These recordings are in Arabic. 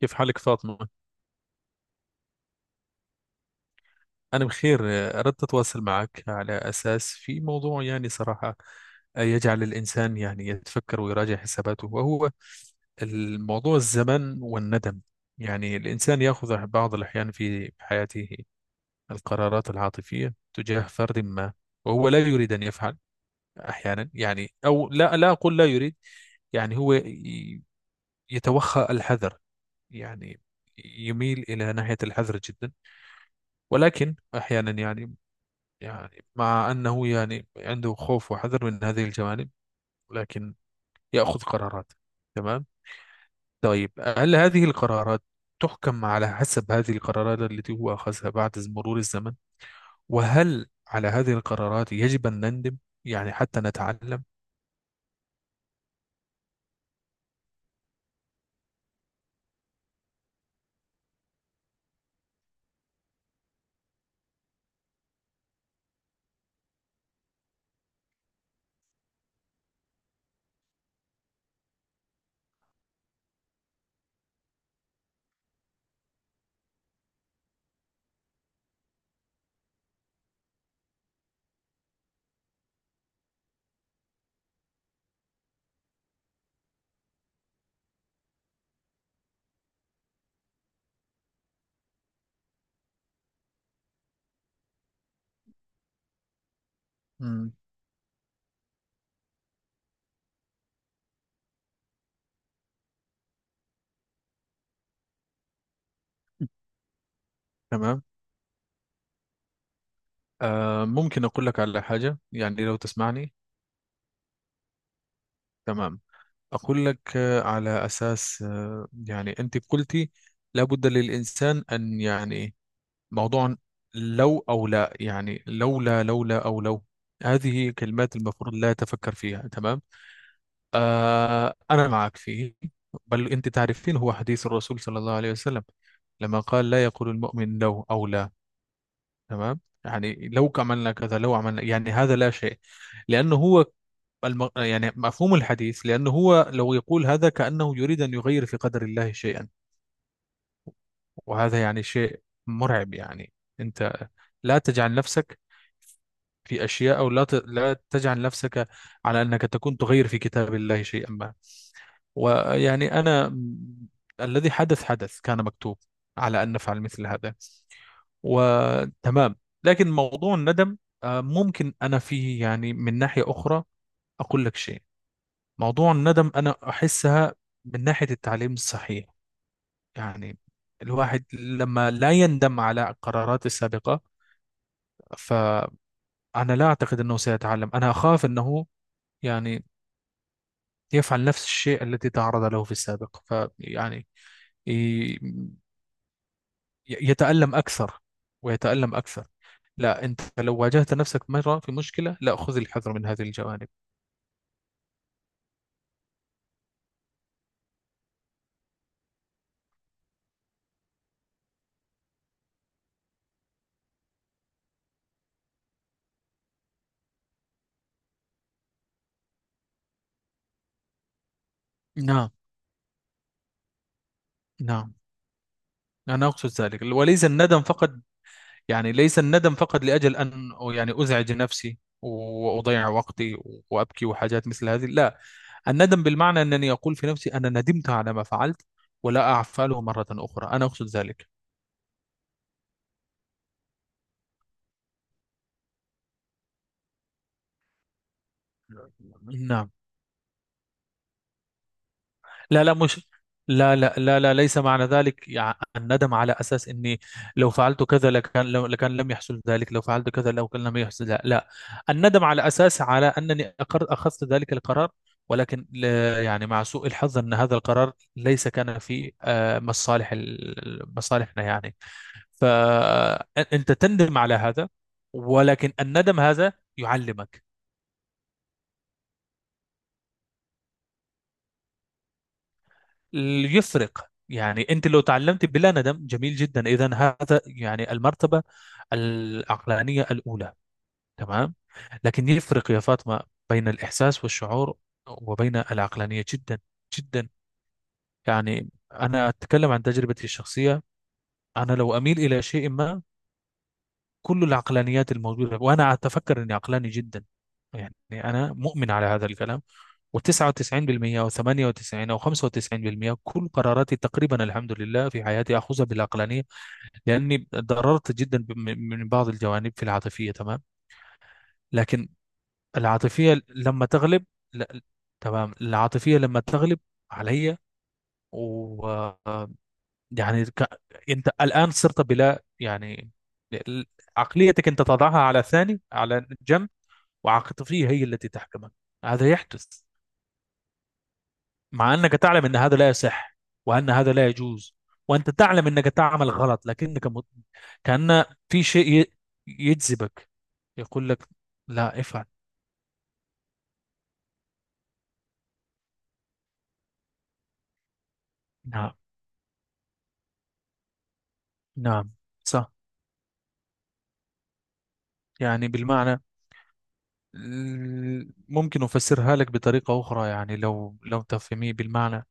كيف حالك فاطمة؟ أنا بخير. أردت أتواصل معك على أساس في موضوع، يعني صراحة، يجعل الإنسان يعني يتفكر ويراجع حساباته، وهو الموضوع الزمن والندم. يعني الإنسان يأخذ بعض الأحيان في حياته القرارات العاطفية تجاه فرد ما، وهو لا يريد أن يفعل أحيانا، يعني، أو لا أقول لا يريد. يعني هو يتوخى الحذر، يعني يميل إلى ناحية الحذر جدا. ولكن أحيانا يعني، يعني مع أنه يعني عنده خوف وحذر من هذه الجوانب، لكن يأخذ قرارات. تمام. طيب، هل هذه القرارات تحكم على حسب هذه القرارات التي هو أخذها بعد مرور الزمن؟ وهل على هذه القرارات يجب أن نندم، يعني حتى نتعلم؟ مم. تمام. ممكن أقول لك على حاجة، يعني لو تسمعني. تمام. أقول لك على أساس، يعني أنت قلتي لابد للإنسان أن، يعني موضوع لو أو لا، يعني لولا أو لو، هذه كلمات المفروض لا تفكر فيها. تمام. آه، أنا معك فيه. بل أنت تعرفين هو حديث الرسول صلى الله عليه وسلم لما قال لا يقول المؤمن لو أو لا. تمام. يعني لو عملنا كذا لو عملنا، يعني هذا لا شيء. لأنه هو يعني مفهوم الحديث، لأنه هو لو يقول هذا كأنه يريد أن يغير في قدر الله شيئا. وهذا يعني شيء مرعب. يعني أنت لا تجعل نفسك في أشياء، أو لا تجعل نفسك على أنك تكون تغير في كتاب الله شيئا ما. ويعني الذي حدث حدث، كان مكتوب على أن نفعل مثل هذا. وتمام. لكن موضوع الندم، ممكن أنا فيه يعني من ناحية أخرى أقول لك شيء. موضوع الندم أنا أحسها من ناحية التعليم الصحيح. يعني الواحد لما لا يندم على قراراته السابقة، فأنا لا أعتقد أنه سيتعلم، أنا أخاف أنه يعني يفعل نفس الشيء الذي تعرض له في السابق، فيعني ي- يتألم أكثر ويتألم أكثر. لا، أنت لو واجهت نفسك مرة في مشكلة، لا، خذ الحذر من هذه الجوانب. نعم. نعم. أنا أقصد ذلك، وليس الندم فقط. يعني ليس الندم فقط لأجل أن يعني أزعج نفسي وأضيع وقتي وأبكي وحاجات مثل هذه، لا. الندم بالمعنى أنني أقول في نفسي أنا ندمت على ما فعلت، ولا أفعله مرة أخرى. أنا أقصد ذلك. نعم. لا، لا، مش، لا لا لا لا، ليس معنى ذلك. الندم على أساس إني لو فعلت كذا لكان، لو لكان لم يحصل ذلك، لو فعلت كذا لو كان لم يحصل. لا, لا. الندم على أساس، على أنني أقر أخذت ذلك القرار، ولكن يعني مع سوء الحظ أن هذا القرار ليس كان في، مصالحنا يعني. فأنت تندم على هذا. ولكن الندم هذا يعلمك. يفرق، يعني انت لو تعلمت بلا ندم جميل جدا، اذا هذا يعني المرتبه العقلانيه الاولى. تمام. لكن يفرق يا فاطمه بين الاحساس والشعور، وبين العقلانيه جدا جدا. يعني انا اتكلم عن تجربتي الشخصيه. انا لو اميل الى شيء ما، كل العقلانيات الموجودة، وأنا أتفكر أني عقلاني جدا، يعني أنا مؤمن على هذا الكلام. و99% أو 98 أو 95% كل قراراتي تقريبا الحمد لله في حياتي أخذها بالعقلانية. لأني ضررت جدا، من بعض الجوانب في العاطفية. تمام. لكن العاطفية لما تغلب، لا، تمام، العاطفية لما تغلب علي، و آه، يعني أنت الآن صرت بلا يعني، عقليتك أنت تضعها على ثاني، على جنب، وعاطفية هي التي تحكمك. هذا يحدث مع أنك تعلم أن هذا لا يصح، وأن هذا لا يجوز، وأنت تعلم أنك تعمل غلط، لكنك كأن في شيء يجذبك، يقول لك لا افعل. نعم. نعم. صح. يعني بالمعنى، ممكن أفسرها لك بطريقة أخرى، يعني لو تفهميه بالمعنى.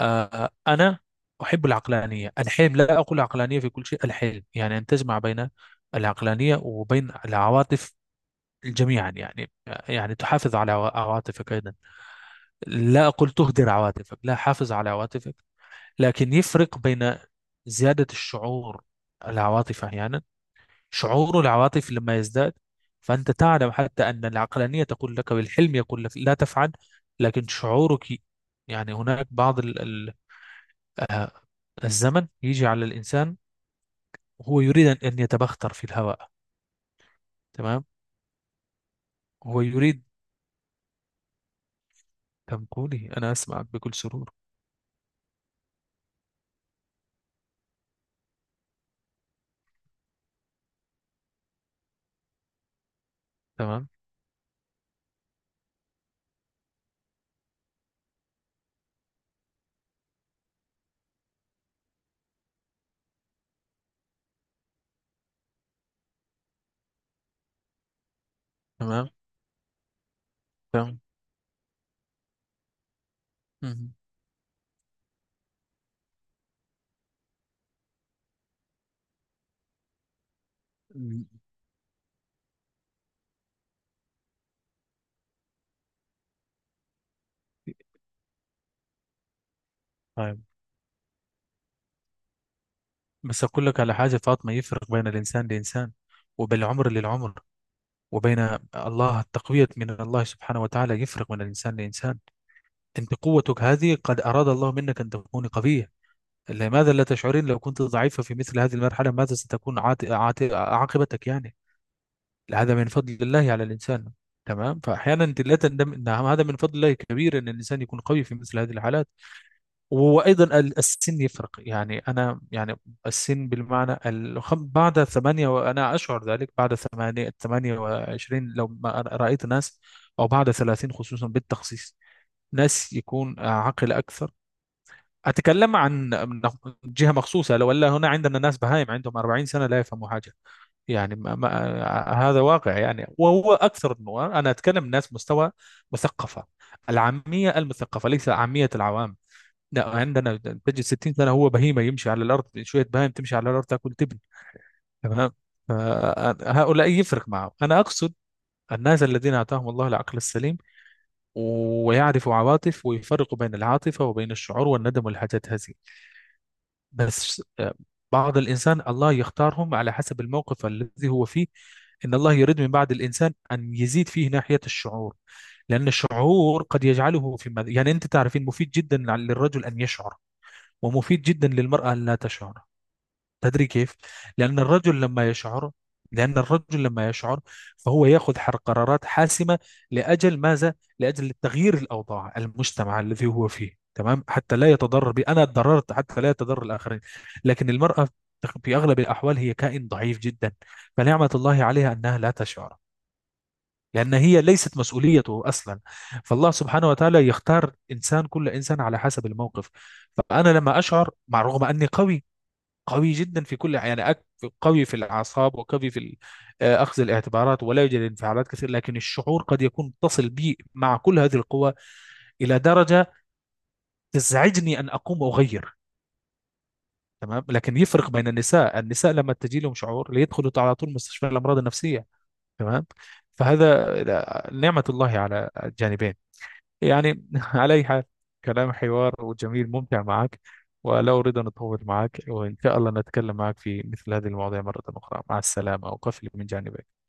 آه، أنا أحب العقلانية الحلم، لا أقول عقلانية في كل شيء، الحلم يعني أن تجمع بين العقلانية وبين العواطف جميعا. يعني، يعني تحافظ على عواطفك أيضا. لا أقول تهدر عواطفك، لا، حافظ على عواطفك. لكن يفرق بين زيادة الشعور، العواطف أحيانا، شعور العواطف لما يزداد، فأنت تعلم حتى أن العقلانية تقول لك، والحلم يقول لك لا تفعل. لكن شعورك، يعني هناك بعض الزمن يجي على الإنسان، وهو يريد أن يتبختر في الهواء. تمام. هو يريد. كم، قولي، أنا أسمعك بكل سرور. تمام. تمام. تمام. مهم. طيب، بس أقول لك على حاجة فاطمة، يفرق بين الإنسان لإنسان، وبين العمر للعمر، وبين الله، التقوية من الله سبحانه وتعالى يفرق من الإنسان لإنسان. أنت قوتك هذه قد أراد الله منك أن تكوني قوية. لماذا لا تشعرين؟ لو كنت ضعيفة في مثل هذه المرحلة ماذا ستكون عاقبتك؟ يعني هذا من فضل الله على الإنسان. تمام. فأحيانا أنت لا تندم، أن هذا من فضل الله كبير، أن الإنسان يكون قوي في مثل هذه الحالات. وايضا السن يفرق، يعني انا يعني السن بالمعنى بعد ثمانية، وانا اشعر ذلك، بعد ثمانية 28، لو ما أنا رايت ناس، او بعد 30 خصوصا بالتخصيص، ناس يكون عاقل اكثر. اتكلم عن من جهه مخصوصه. لو ولا هنا عندنا ناس بهايم عندهم 40 سنه لا يفهموا حاجه. يعني ما ما، هذا واقع. يعني وهو اكثر النوع. انا اتكلم ناس مستوى مثقفه، العاميه المثقفه، ليس عاميه العوام. لا، عندنا البجي 60 سنه، هو بهيمه يمشي على الارض، شويه بهايم تمشي على الارض تاكل تبن. تمام. فهؤلاء يفرق معه. انا اقصد الناس الذين اتاهم الله العقل السليم، ويعرفوا عواطف ويفرقوا بين العاطفه وبين الشعور والندم والحاجات هذه. بس، بعض الانسان الله يختارهم على حسب الموقف الذي هو فيه. ان الله يريد من بعض الانسان ان يزيد فيه ناحيه الشعور، لأن الشعور قد يجعله في يعني أنت تعرفين مفيد جدا للرجل أن يشعر، ومفيد جدا للمرأة أن لا تشعر. تدري كيف؟ لأن الرجل لما يشعر، لأن الرجل لما يشعر فهو يأخذ قرارات حاسمة. لأجل ماذا؟ لأجل تغيير الأوضاع المجتمع الذي هو فيه. تمام؟ حتى لا يتضرر، بي أنا اتضررت، حتى لا يتضرر الآخرين. لكن المرأة في أغلب الأحوال هي كائن ضعيف جدا، فنعمة الله عليها أنها لا تشعر، لأن هي ليست مسؤوليته أصلا. فالله سبحانه وتعالى يختار إنسان كل إنسان على حسب الموقف. فأنا لما أشعر، مع رغم أني قوي، قوي جدا في كل يعني، قوي في الأعصاب وقوي في أخذ الاعتبارات، ولا يوجد انفعالات كثير. لكن الشعور قد يكون متصل بي مع كل هذه القوى إلى درجة تزعجني أن أقوم وأغير. تمام. لكن يفرق بين النساء، النساء لما تجي لهم شعور ليدخلوا على طول مستشفى الأمراض النفسية. تمام. فهذا، آه، نعمة الله على الجانبين. يعني على أي حال، كلام حوار وجميل ممتع معك. ولا أريد أن أطول معك، وإن شاء الله نتكلم معك في مثل هذه المواضيع مرة أخرى. مع السلامة، أقفل من جانبك.